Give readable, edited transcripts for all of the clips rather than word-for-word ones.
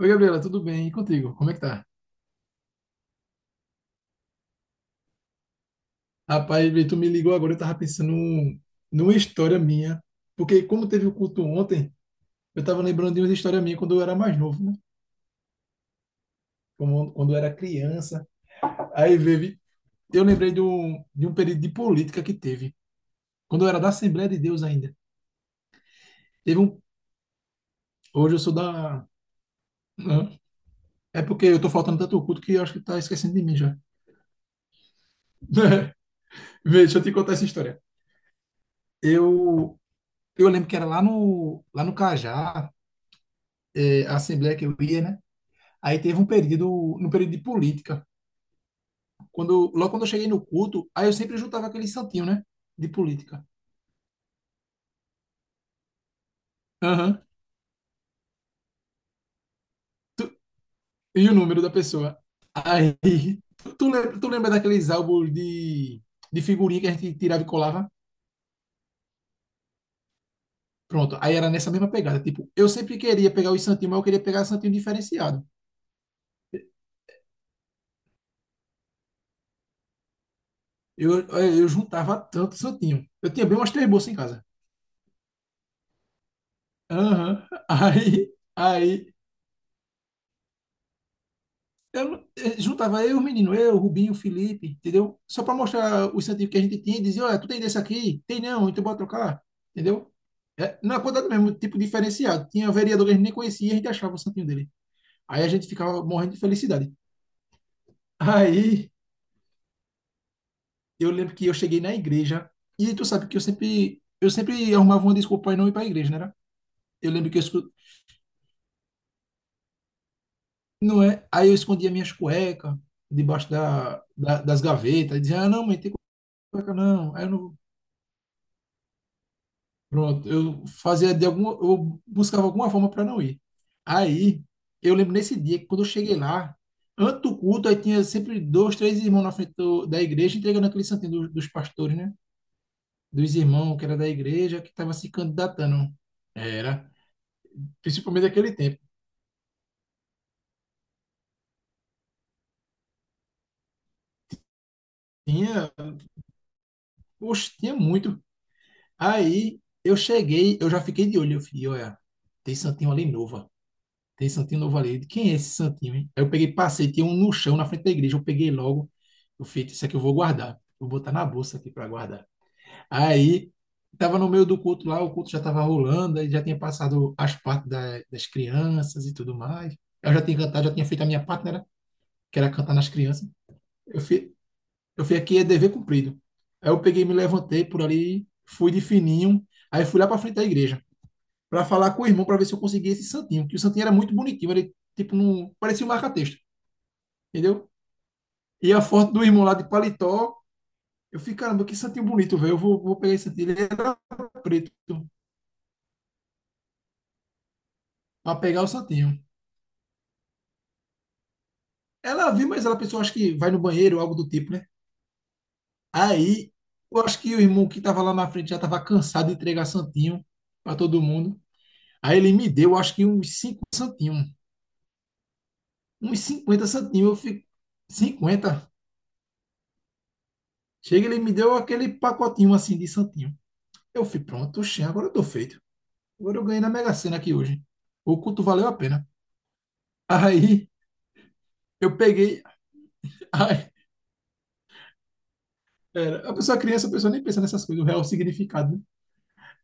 Oi, Gabriela, tudo bem? E contigo? Como é que tá? Rapaz, Vitor, tu me ligou agora, eu tava pensando numa história minha, porque como teve o culto ontem, eu tava lembrando de uma história minha quando eu era mais novo, né? Quando eu era criança. Aí, Vivi, eu lembrei de um período de política que teve, quando eu era da Assembleia de Deus ainda. Teve um... Hoje eu sou da... Hã? É porque eu tô faltando tanto culto que eu acho que tá esquecendo de mim já. Vê, deixa eu te contar essa história. Eu... Eu lembro que era lá no Cajá, é, a assembleia que eu ia, né? Aí teve um período, no período de política. Quando, logo quando eu cheguei no culto, aí eu sempre juntava aquele santinho, né? De política. Aham. E o número da pessoa. Aí, tu lembra daqueles álbuns de figurinha que a gente tirava e colava? Pronto. Aí era nessa mesma pegada. Tipo, eu sempre queria pegar os santinhos, mas eu queria pegar santinho diferenciado. Eu juntava tanto santinho. Eu tinha bem umas três bolsas em casa. Aham. Aí, Eu, não- eh, juntava eu, os meninos, eu, Rubinho, Felipe, entendeu? Só para mostrar o incentivo que a gente tinha e dizia, olha, tu tem desse aqui? Tem não, então bora trocar, entendeu? É, na quantidade mesmo, tipo diferenciado. Tinha vereador que a gente nem conhecia e a gente achava o santinho dele. Aí a gente ficava morrendo de felicidade. Aí eu lembro que eu cheguei na igreja e tu sabe que eu sempre arrumava uma desculpa para não ir para a igreja, né? era? Eu lembro que não é? Aí eu escondia minhas cuecas debaixo das gavetas e dizia, ah, não, mãe, tem cueca não. Aí eu não Pronto, eu fazia de alguma, eu buscava alguma forma para não ir. Aí, eu lembro nesse dia que quando eu cheguei lá, antes do culto, aí tinha sempre dois, três irmãos na frente da igreja entregando aquele santinho dos pastores, né? Dos irmãos que era da igreja, que estava se candidatando. Era, principalmente naquele tempo. Tinha, poxa, tinha muito. Aí, eu cheguei, eu já fiquei de olho, eu falei, olha, tem santinho ali novo. Tem santinho novo ali. Quem é esse santinho, hein? Aí eu peguei, passei, tinha um no chão na frente da igreja. Eu peguei logo. Eu fiz, isso aqui eu vou guardar. Vou botar na bolsa aqui para guardar. Aí, tava no meio do culto lá, o culto já tava rolando, aí já tinha passado as partes das crianças e tudo mais. Eu já tinha cantado, já tinha feito a minha parte, né? Que era cantar nas crianças. Eu fui, eu fui aqui, é dever cumprido. Aí eu peguei, me levantei por ali, fui de fininho. Aí fui lá para frente da igreja para falar com o irmão para ver se eu conseguia esse santinho, porque o santinho era muito bonitinho, ele tipo não parecia um marca-texto, entendeu? E a foto do irmão lá de paletó, eu fiquei, caramba, que santinho bonito, velho, vou pegar esse santinho, ele era preto, para pegar o santinho. Ela viu, mas ela pensou, acho que vai no banheiro, ou algo do tipo, né? Aí, eu acho que o irmão que estava lá na frente já estava cansado de entregar santinho para todo mundo. Aí ele me deu, acho que uns 5 santinhos, uns 50 santinhos, eu fico 50 Chega, ele me deu aquele pacotinho assim de santinho. Eu fui pronto, oxê, agora eu tô feito. Agora eu ganhei na Mega Sena aqui hoje. O culto valeu a pena. Aí eu peguei. Ai, era, a pessoa criança, a pessoa nem pensa nessas coisas, o real significado, né?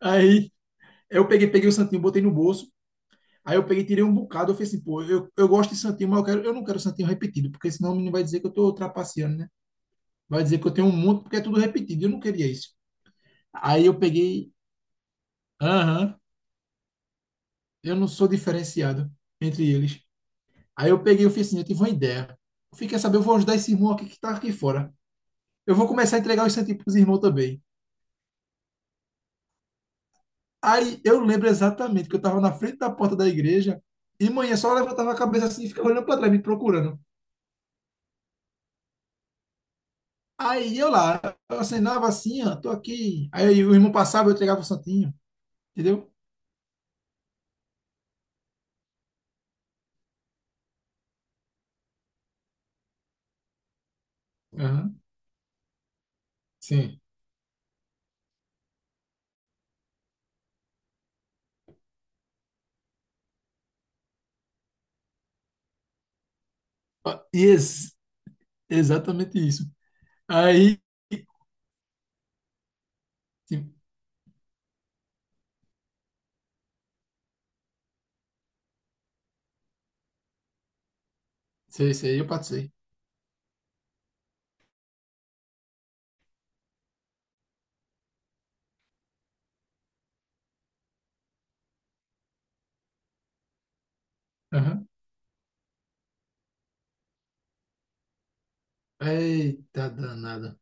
Aí eu peguei, peguei o santinho, botei no bolso. Aí eu peguei, tirei um bocado. Eu falei assim, pô, eu gosto de santinho, mas eu não quero santinho repetido, porque senão o menino vai dizer que eu tô trapaceando, né? Vai dizer que eu tenho um monte, porque é tudo repetido. Eu não queria isso. Aí eu peguei, aham, eu não sou diferenciado entre eles. Aí eu peguei e fiz assim, eu tive uma ideia. Eu fiquei saber, eu vou ajudar esse irmão aqui que tá aqui fora. Eu vou começar a entregar os centímetros pros irmãos também. Aí eu lembro exatamente que eu tava na frente da porta da igreja e manhã só levantava a cabeça assim e ficava olhando pra trás, me procurando. Aí eu lá, eu acenava assim, ó, tô aqui. Aí o irmão passava, eu entregava o santinho, entendeu? Aham, sim. Ó, exatamente isso. Aí, sim, sei, sei, eu passei. Aham. Eita danada.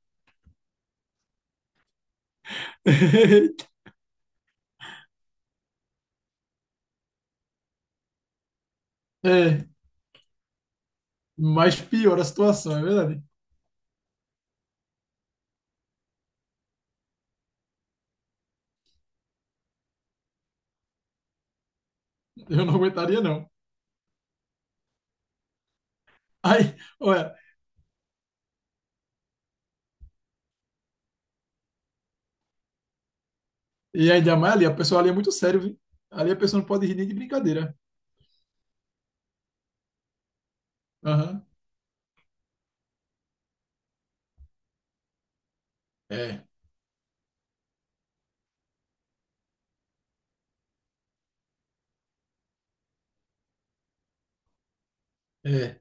É, mas piora a situação, é verdade. Eu não aguentaria, não. Aí, olha, e ainda mais ali, a pessoa ali é muito sério, viu? Ali a pessoa não pode rir nem de brincadeira. Aham. É, é.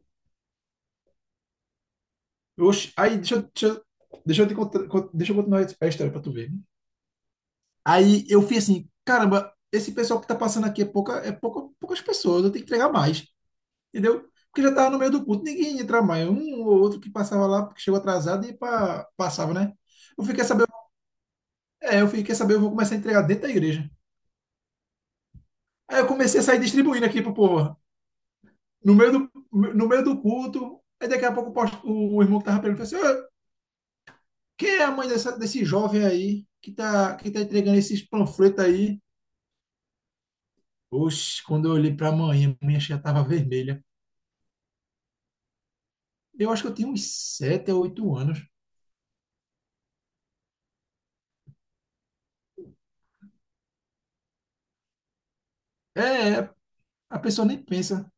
Oxe, aí, deixa, eu- deixa, eu- deixa eu te contar, con- deixa eu continuar a história pra tu ver. Né? Aí eu fui assim, caramba, esse pessoal que tá passando aqui poucas pessoas, eu tenho que entregar mais, entendeu? Porque já tava no meio do culto, ninguém ia entrar mais. Um ou outro que passava lá, porque chegou atrasado e passava, né? Eu fiquei quer saber eu fiquei quer saber eu vou começar a entregar dentro da igreja. Aí eu comecei a sair distribuindo aqui pro povo. No meio do, no meio do culto, aí daqui a pouco o irmão que tava perguntando assim, "Ô, quem é a mãe desse jovem aí que tá entregando esses panfletos aí? Oxe, quando eu olhei pra mãe, a minha já tava vermelha. Eu acho que eu tinha uns 7 ou 8 anos. É, é, a pessoa nem pensa.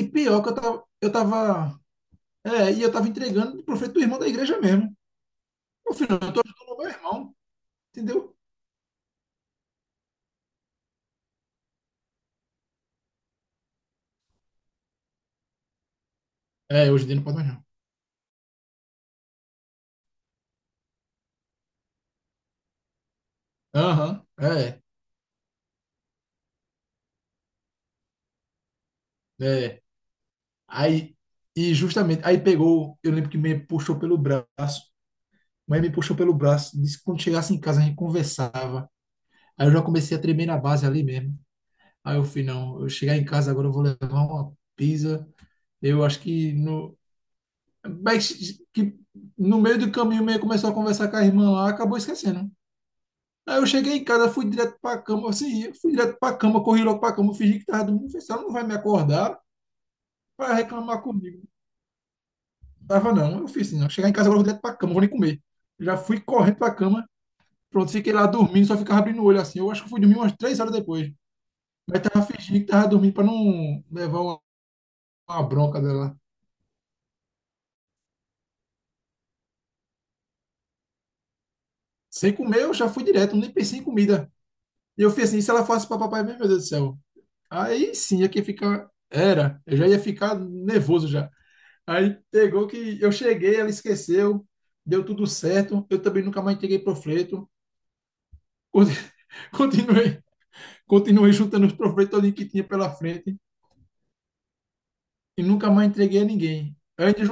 E pior que eu tava entregando pro panfleto do irmão da igreja mesmo. No final, eu tô ajudando o meu irmão, entendeu? É, hoje em dia não pode mais não. Aham, é, é. Aí, e justamente, aí pegou, eu lembro que me puxou pelo braço, mas me puxou pelo braço, disse que quando chegasse em casa a gente conversava. Aí eu já comecei a tremer na base ali mesmo. Aí eu fui, não, eu chegar em casa agora eu vou levar uma pizza. Eu acho que no, mas que no meio do caminho meio começou a conversar com a irmã lá, acabou esquecendo. Aí eu cheguei em casa, fui direto pra cama, assim, eu fui direto pra cama, corri logo pra cama, fingi que tava dormindo, falei, "Se ela não vai me acordar para reclamar comigo. Tava não, eu fiz assim, não. Chegar em casa agora eu vou direto pra cama, não vou nem comer. Já fui correndo pra cama, pronto, fiquei lá dormindo, só ficava abrindo o olho assim. Eu acho que fui dormir umas 3 horas depois. Mas tava fingindo que tava dormindo pra não levar uma bronca dela. Sem comer, eu já fui direto, nem pensei em comida. E eu fiz assim, e se ela fosse pra papai mesmo, meu Deus do céu. Aí sim, aqui fica. Era, eu já ia ficar nervoso já. Aí pegou que eu cheguei, ela esqueceu, deu tudo certo. Eu também nunca mais entreguei panfleto. Con- Continuei, Continuei juntando os professores que tinha pela frente e nunca mais entreguei a ninguém. Antes,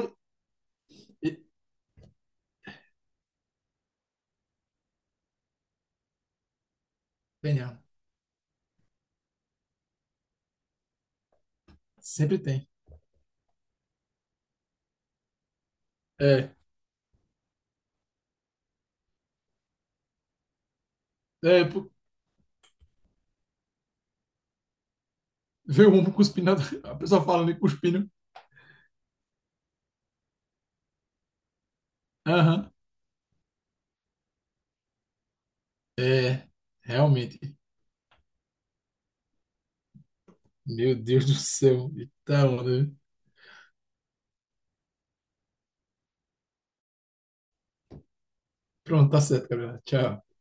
genial. Sempre tem. É, pô, veio um cuspindo, a pessoa falando e cuspindo. Aham. É, realmente. Meu Deus do céu. Então, né? Pronto, tá certo, galera. Tchau.